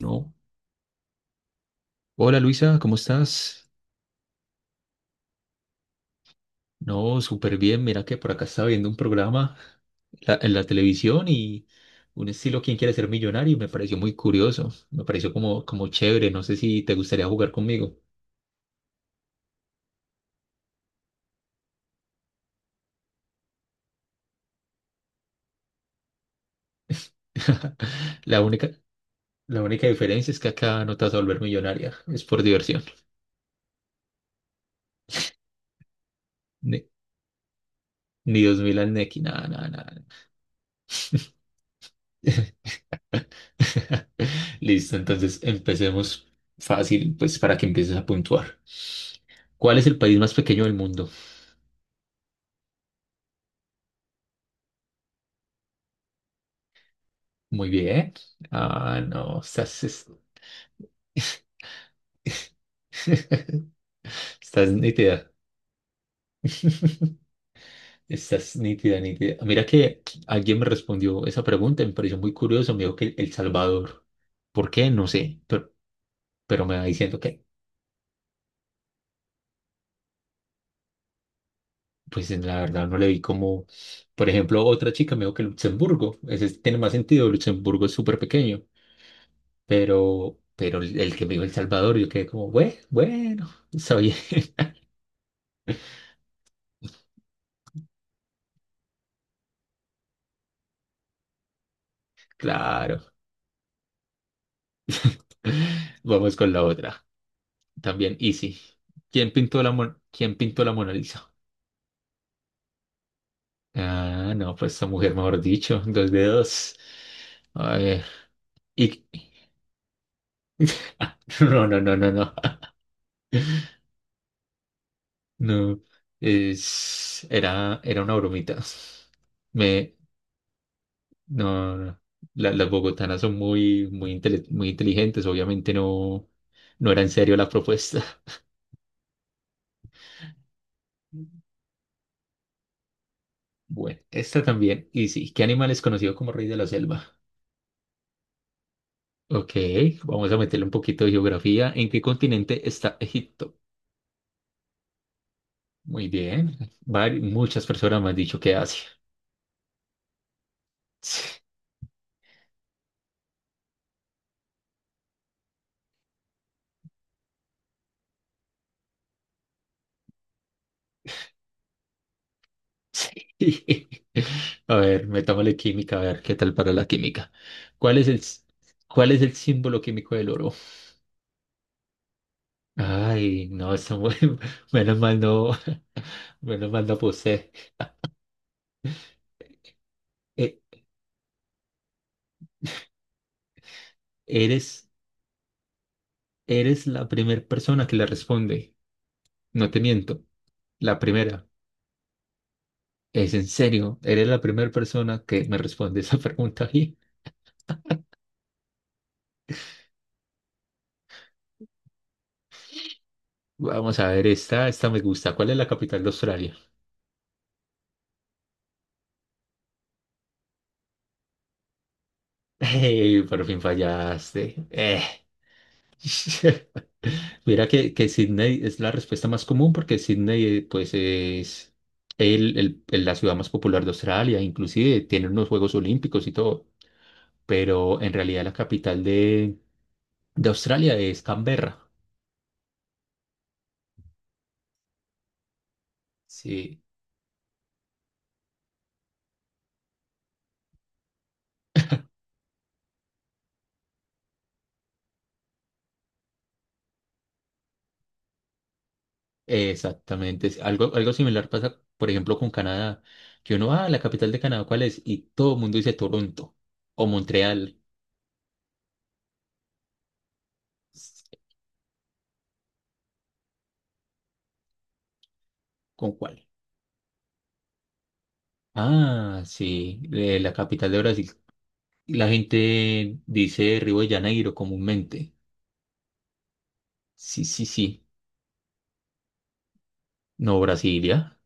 No. Hola Luisa, ¿cómo estás? No, súper bien. Mira que por acá estaba viendo un programa en la televisión y un estilo ¿Quién quiere ser millonario? Y me pareció muy curioso. Me pareció como chévere. No sé si te gustaría jugar conmigo. La única, la única diferencia es que acá no te vas a volver millonaria. Es por diversión. Ni, ni dos mil al Nequi, nada, nada, nada. Listo, entonces empecemos fácil, pues para que empieces a puntuar. ¿Cuál es el país más pequeño del mundo? Muy bien. Ah, no, estás... Estás nítida. Estás nítida, nítida. Mira que alguien me respondió esa pregunta, me pareció muy curioso, me dijo que El Salvador. ¿Por qué? No sé, pero me va diciendo que, pues en la verdad no le vi como, por ejemplo, otra chica me dijo que Luxemburgo, ese tiene más sentido, Luxemburgo es súper pequeño, pero el que me dijo El Salvador, yo quedé como, bueno, bueno, está bien, claro. Vamos con la otra. También Easy. ¿Quién pintó la Mona Lisa? Ah, no, pues esa mujer, mejor dicho, dos dedos. A ver. Y... no. No. Es... era una bromita. Me... No, no. Las bogotanas son muy, muy inteligentes. Obviamente no era en serio la propuesta. Bueno, esta también. Y sí, ¿qué animal es conocido como rey de la selva? Ok, vamos a meterle un poquito de geografía. ¿En qué continente está Egipto? Muy bien. Muchas personas me han dicho que Asia. Sí. Sí. A ver, metámosle química, a ver qué tal para la química. ¿Cuál es el, s- ¿cuál es el símbolo químico del oro? Ay, no, está muy... Menos mal no, menos mal no posee. E- eres, eres la primera persona que le responde. No te miento, la primera. Es en serio, eres la primera persona que me responde esa pregunta y vamos a ver, esta me gusta. ¿Cuál es la capital de Australia? Ey, por fin fallaste. Mira que Sydney es la respuesta más común porque Sydney pues es la ciudad más popular de Australia, inclusive tiene unos Juegos Olímpicos y todo, pero en realidad la capital de Australia es Canberra. Sí, exactamente. Es algo similar pasa, por ejemplo, con Canadá, que uno, ah, la capital de Canadá, ¿cuál es? Y todo el mundo dice Toronto o Montreal. S- ¿Con cuál? Ah, sí, la capital de Brasil. La gente dice Río de Janeiro comúnmente. Sí, sí, sí. No, Brasilia.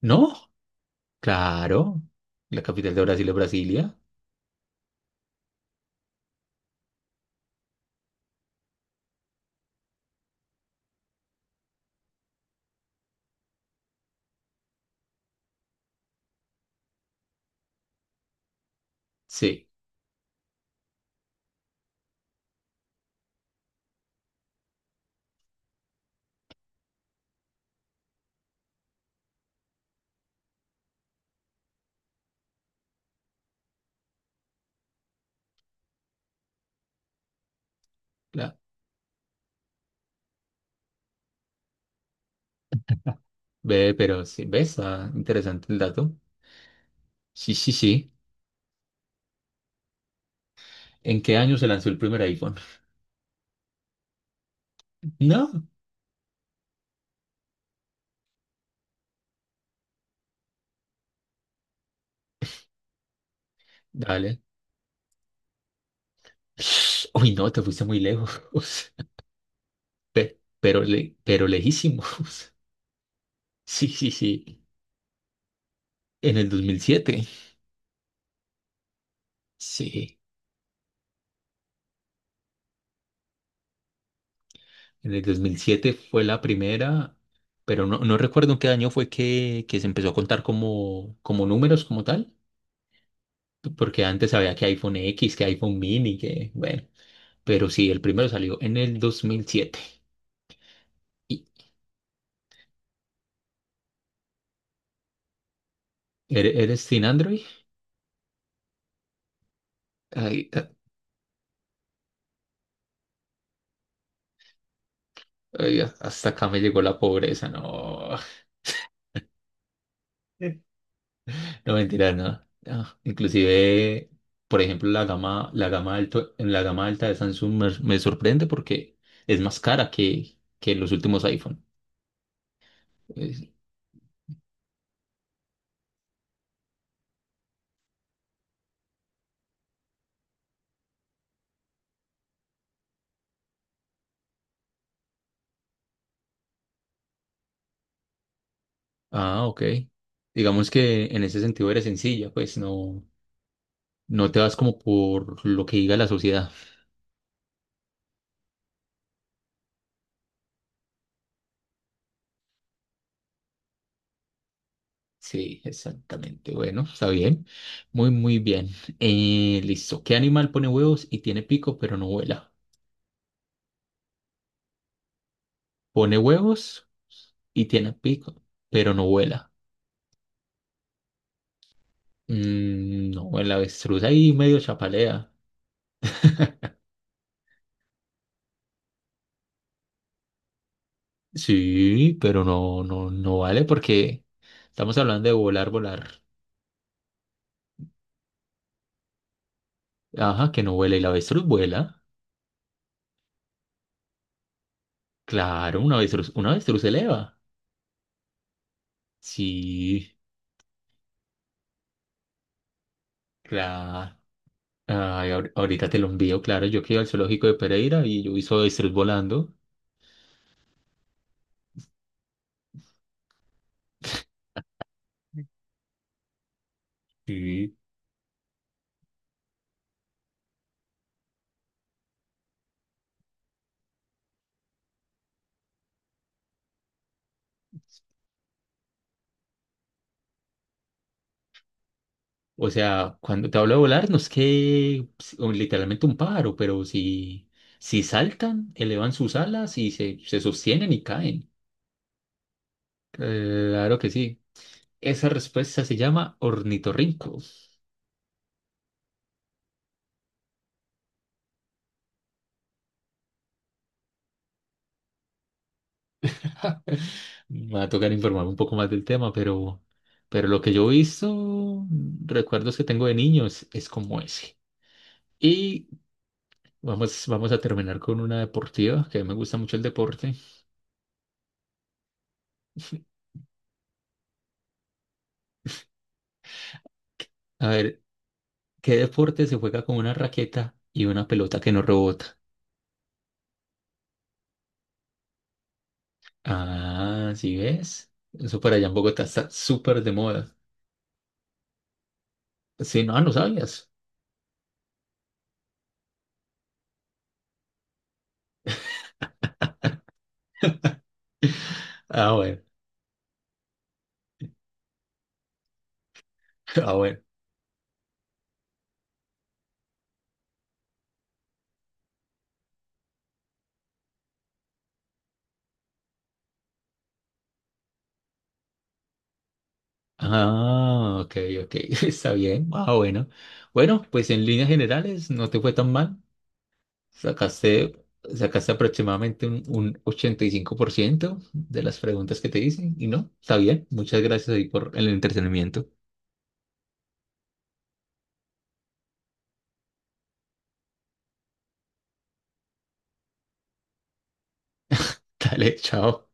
No, claro. La capital de Brasil es Brasilia. Sí, la ve, pero sí, ves, ah, interesante el dato. Sí, sí, sí. ¿En qué año se lanzó el primer iPhone? No. Dale. Uy, no, te fuiste muy lejos. Pero lejísimos. Sí, sí, sí. En el dos mil siete. Sí. En el dos mil siete fue la primera, pero no, no recuerdo en qué año fue que se empezó a contar como, como números, como tal. Porque antes había que iPhone X, que iPhone Mini, que bueno. Pero sí, el primero salió en el 2007. ¿Y ¿Eres, eres sin Android? Ay, ah, ay, hasta acá me llegó la pobreza, no. No, mentira, no. Ah, inclusive, por ejemplo, la gama alto, en la gama alta de Samsung me sorprende porque es más cara que los últimos iPhone. Es- ah, ok. Digamos que en ese sentido eres sencilla, pues no te vas como por lo que diga la sociedad. Sí, exactamente. Bueno, está bien. Muy, muy bien. Listo. ¿Qué animal pone huevos y tiene pico pero no vuela? Pone huevos y tiene pico pero no vuela. Mm, no, el avestruz ahí medio chapalea. Sí, pero no vale porque estamos hablando de volar, volar. Ajá, que no vuela y la avestruz vuela. Claro, una avestruz se eleva. Sí, claro. Ay, ahorita te lo envío, claro. Yo que iba al zoológico de Pereira y yo vi hice avestruz volando. Sí. O sea, cuando te hablo de volar, no es que o literalmente un pájaro, pero si saltan, elevan sus alas y se sostienen y caen. Claro que sí. Esa respuesta se llama ornitorrinco. Me va a tocar informarme un poco más del tema, pero lo que yo he visto, recuerdos que tengo de niños, es como ese. Y vamos a terminar con una deportiva, que me gusta mucho el deporte. A ver, ¿qué deporte se juega con una raqueta y una pelota que no rebota? Ah, ¿sí ves? Eso para allá en Bogotá está súper de moda. Sí, no, no sabías. Ah, bueno, ah, bueno. Ah, ok, ok, está bien. Ah, bueno. Bueno, pues en líneas generales no te fue tan mal. Sacaste, sacaste aproximadamente un 85% de las preguntas que te hice y no, está bien. Muchas gracias ahí por el entretenimiento. Dale, chao.